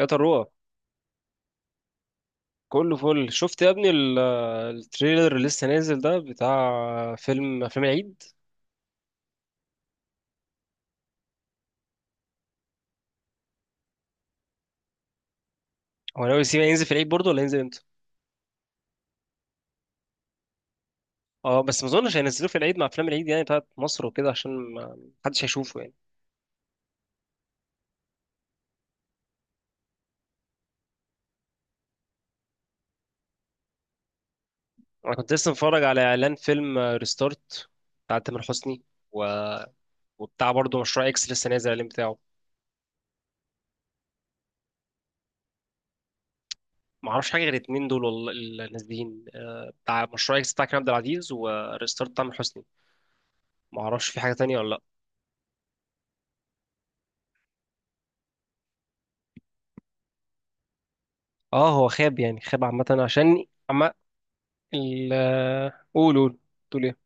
يا تروى، كله فل. شفت يا ابني التريلر اللي لسه نازل ده بتاع فيلم افلام العيد. هو ناوي يسيب ينزل في العيد برضه ولا ينزل امتى؟ اه، بس ما اظنش هينزلوه في العيد مع افلام العيد يعني بتاعت مصر وكده عشان ما حدش هيشوفه يعني. انا كنت لسه متفرج على اعلان فيلم ريستارت بتاع تامر حسني و... وبتاع برضه مشروع اكس لسه نازل الاعلان بتاعه. ما اعرفش حاجه غير الاتنين دول والله اللي نازلين. آه، بتاع مشروع اكس بتاع كريم عبد العزيز وريستارت بتاع تامر حسني. ما اعرفش في حاجه تانية ولا لا. اه، هو خاب يعني خاب عامه، عشان عامة ال قول قول. تقول ايه؟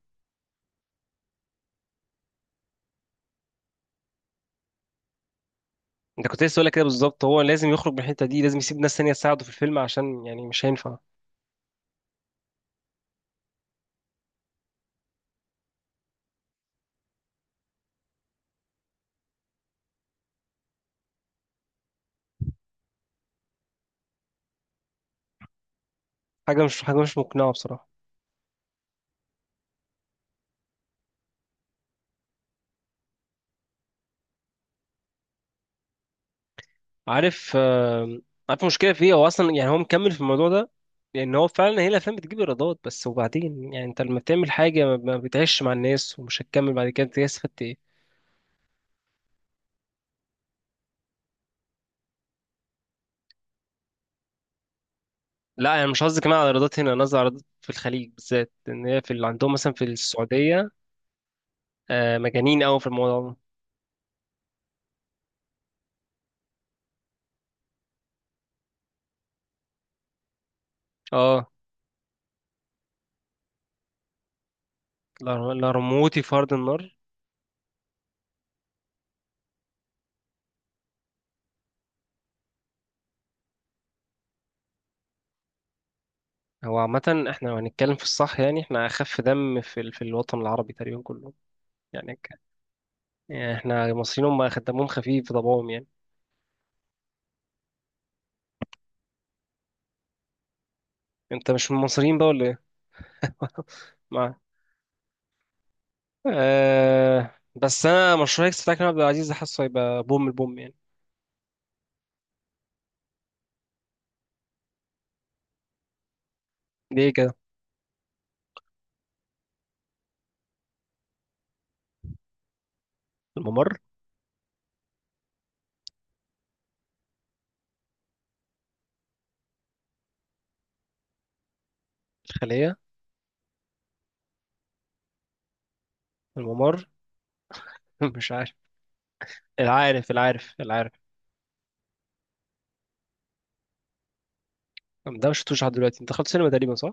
انت كنت لسه هقول لك كده بالظبط. هو لازم يخرج من الحته دي، لازم يسيب ناس تانية تساعده في الفيلم، عشان يعني مش هينفع. حاجه مش مقنعه بصراحه. عارف؟ آه، عارف المشكله في ايه؟ هو اصلا يعني هو مكمل في الموضوع ده، لان هو فعلا هي الافلام بتجيب ايرادات بس. وبعدين يعني انت لما بتعمل حاجه ما بتعيش مع الناس ومش هتكمل بعد كده، انت استفدت ايه؟ لا، انا مش قصدي كمان على ايرادات هنا، انا قصدي على ايرادات في الخليج بالذات، ان هي في اللي عندهم مثلا في السعوديه. آه، مجانين قوي في الموضوع ده. اه، لا. لا رموتي في ارض النار. هو عامة احنا لو هنتكلم في الصح يعني احنا أخف دم في الوطن العربي تقريبا كله. يعني, ك... يعني احنا المصريين هم دمهم خفيف في طبعهم يعني. انت مش من المصريين بقى ولا ايه؟ مع بس أنا مشروع اكس بتاع كريم عبد العزيز ده حاسه هيبقى بوم البوم يعني. ليه كده؟ الممر. الخلية. الممر. مش عارف. العارف. ده مش شفتوش لحد دلوقتي. انت دخلت سينما تقريبا صح؟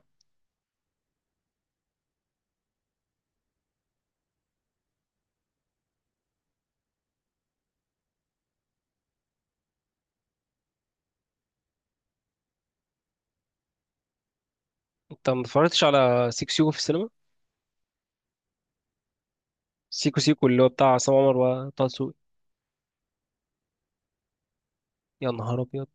انت ما اتفرجتش على سيكو سيكو في السينما؟ سيكو سيكو اللي هو بتاع عصام عمر وطه دسوقي. يا نهار أبيض.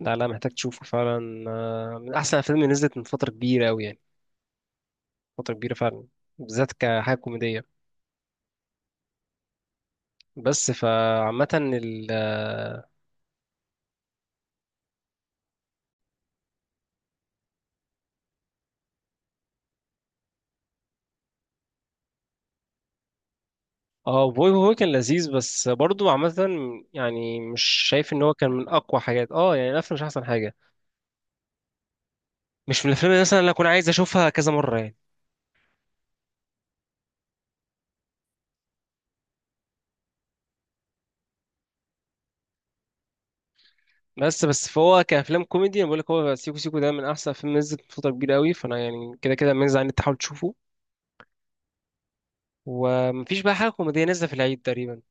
لا، لا، محتاج تشوفه فعلا. آه، من احسن الافلام اللي نزلت من فتره كبيره قوي يعني. فتره كبيره فعلا. بالذات كحاجه كوميديه. بس فعامه اه، بوي بوي كان لذيذ بس برضو عامه. يعني مش شايف ان هو كان من اقوى حاجات اه يعني، الافلام مش احسن حاجه. مش من الافلام اللي مثلا اللي اكون عايز اشوفها كذا مره يعني. بس فهو كافلام كوميدي انا بقول لك، هو سيكو سيكو ده من احسن فيلم نزلت من فتره كبيره قوي، فانا يعني كده كده منزل ان انت تحاول تشوفه. ومفيش بقى حاجه كوميديه نازله في العيد تقريبا.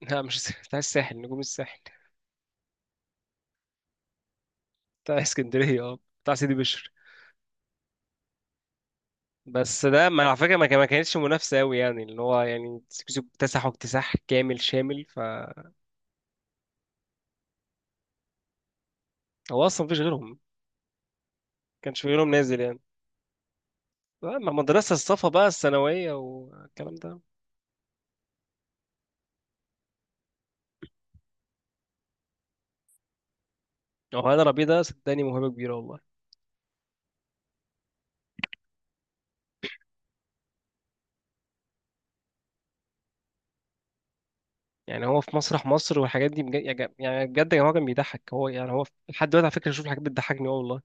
لا، مش الس- بتاع الساحل، نجوم الساحل. بتاع اسكندريه اه، بتاع سيدي بشر. بس ده، ما على فكره، ما كانتش منافسه قوي يعني. اللي هو يعني سيكو سيكو اكتسحوا اكتساح كامل شامل، فهو اصلا مفيش غيرهم، ما كانش في غيرهم نازل يعني. اما مدرسه الصفا بقى الثانويه والكلام ده. هو هذا ربيع ده صدقني موهبه كبيره والله. يعني هو في مسرح مصر والحاجات دي، بجد يعني بجد يا جماعه كان بيضحك. هو يعني هو لحد دلوقتي على فكره بشوف الحاجات بتضحكني، اه والله.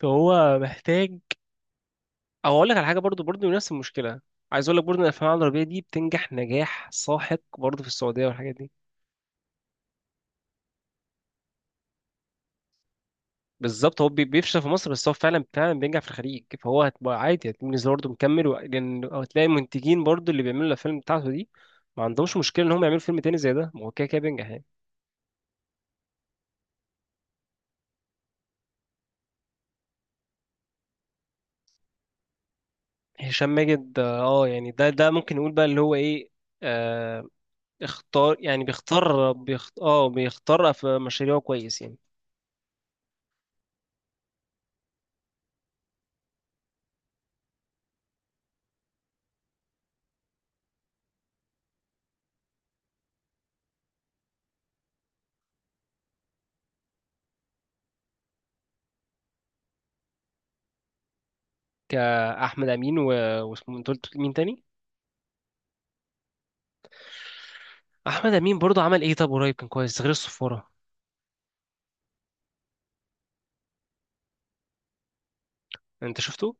فهو محتاج. او اقول لك على حاجه برضو، نفس المشكله. عايز اقول لك برضو ان الافلام العربيه دي بتنجح نجاح ساحق برضو في السعوديه والحاجات دي. بالظبط، هو بيفشل في مصر بس هو فعلا بينجح في الخليج، فهو هتبقى عادي، هتبقى بالنسبه برضه مكمل، و- لان هتلاقي المنتجين برضو اللي بيعملوا الافلام بتاعته دي ما عندهمش مشكله ان هم يعملوا فيلم تاني زي ده، ما هو كده كده بينجح يعني. هشام ماجد، اه يعني ده ممكن نقول بقى اللي هو ايه. آه. اختار يعني بيختار اه بيختار في مشاريعه كويس يعني. آه، احمد امين واسمه، انت قلت مين تاني؟ احمد امين برضه عمل ايه طب قريب كان كويس غير الصفاره؟ انت شفته؟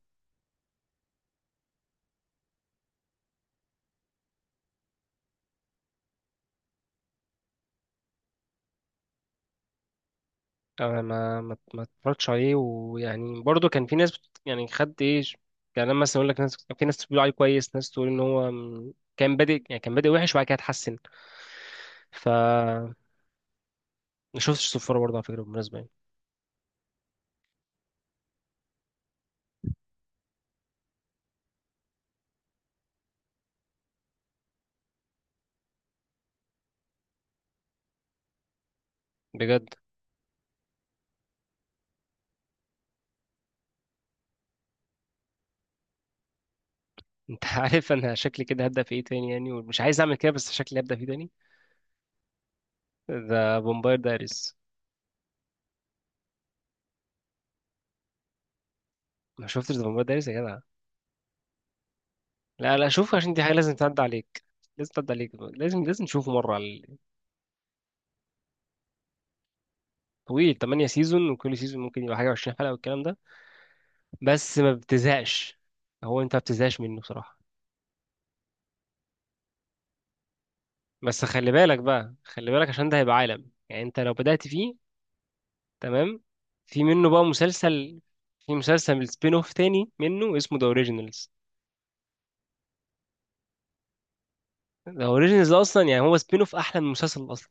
انا ما اتفرجتش عليه. ويعني برضه كان في ناس يعني خد ايه. يعني لما مثلا اقول لك ناس، في ناس بتقول عليه كويس، ناس تقول ان هو كان بادئ يعني، كان بادئ وحش وبعد كده اتحسن. ف. ما شفتش الصفاره برضه على فكره بالمناسبه يعني. بجد انت. عارف انا شكلي كده هبدا في ايه تاني يعني؟ ومش عايز اعمل كده بس شكلي هبدا فيه تاني: ذا فامباير دايريز. ما شفتش ذا فامباير دايريز يا جدع؟ لا، لا، شوف، عشان دي حاجة لازم تعدي عليك، لازم تعدي عليك، لازم لازم تشوفه مرة. طويل 8 سيزون وكل سيزون ممكن يبقى حاجة 20 حلقة والكلام ده، بس ما بتزهقش. هو انت ما بتزهقش منه بصراحة. بس خلي بالك بقى، خلي بالك، عشان ده هيبقى عالم يعني انت لو بدأت فيه. تمام. في منه بقى مسلسل، في مسلسل سبين اوف تاني منه اسمه ذا اوريجينالز. ذا اوريجينالز اصلا يعني هو سبين اوف احلى من المسلسل اصلا.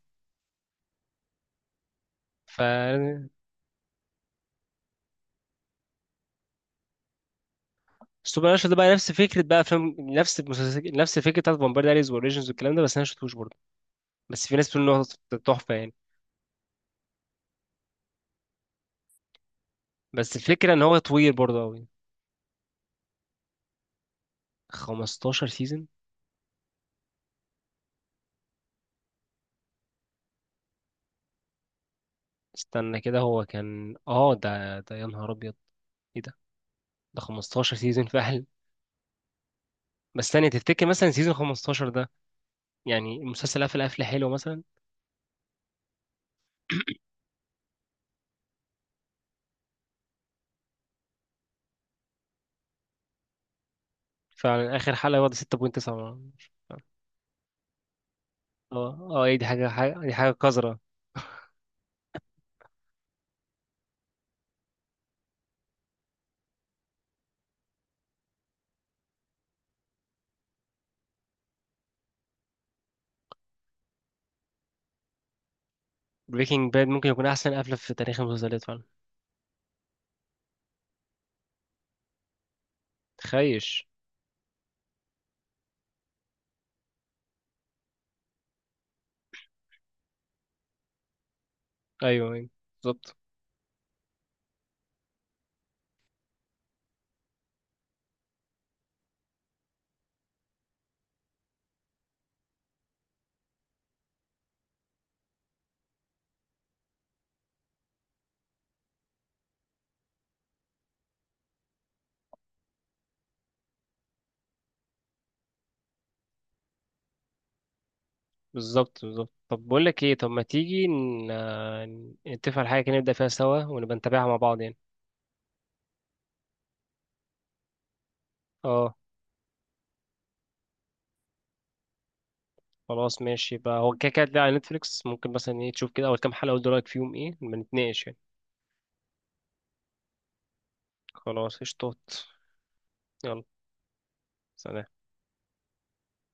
ف. السوبر ناتشورال ده بقى نفس فكره بقى افلام، نفس المسلسل نفس الفكره بتاعت فامباير دايريز واوريجينز والكلام ده، بس انا ما شفتوش برضه. بس في ناس بتقول ان هو تحفه يعني. بس الفكره ان هو طويل برضه قوي. 15 سيزون؟ استنى كده، هو كان اه ده يا نهار ابيض، ايه ده؟ ده 15 سيزون فعلا؟ بس ثانيه، تفتكر مثلا سيزون 15 ده يعني المسلسل قفل قفله حلوه مثلا؟ فعلا اخر حلقه واخده 6.9. اه. اه، ايه دي؟ حاجه دي، حاجه قذره. بريكنج باد ممكن يكون احسن قفله في تاريخ المسلسلات فعلا. خيش. ايوه، أيوة، بالظبط. بالظبط. بالظبط، طب بقول لك ايه، طب ما تيجي نتفق على حاجه كده نبدا فيها سوا ونبقى نتابعها مع بعض يعني. اه، خلاص ماشي بقى، هو كده كده هتلاقي على نتفليكس، ممكن مثلا ايه تشوف كده اول كام حلقه وتقول رايك فيهم ايه، نبقى نتناقش يعني. خلاص، قشطات. يلا. سلام.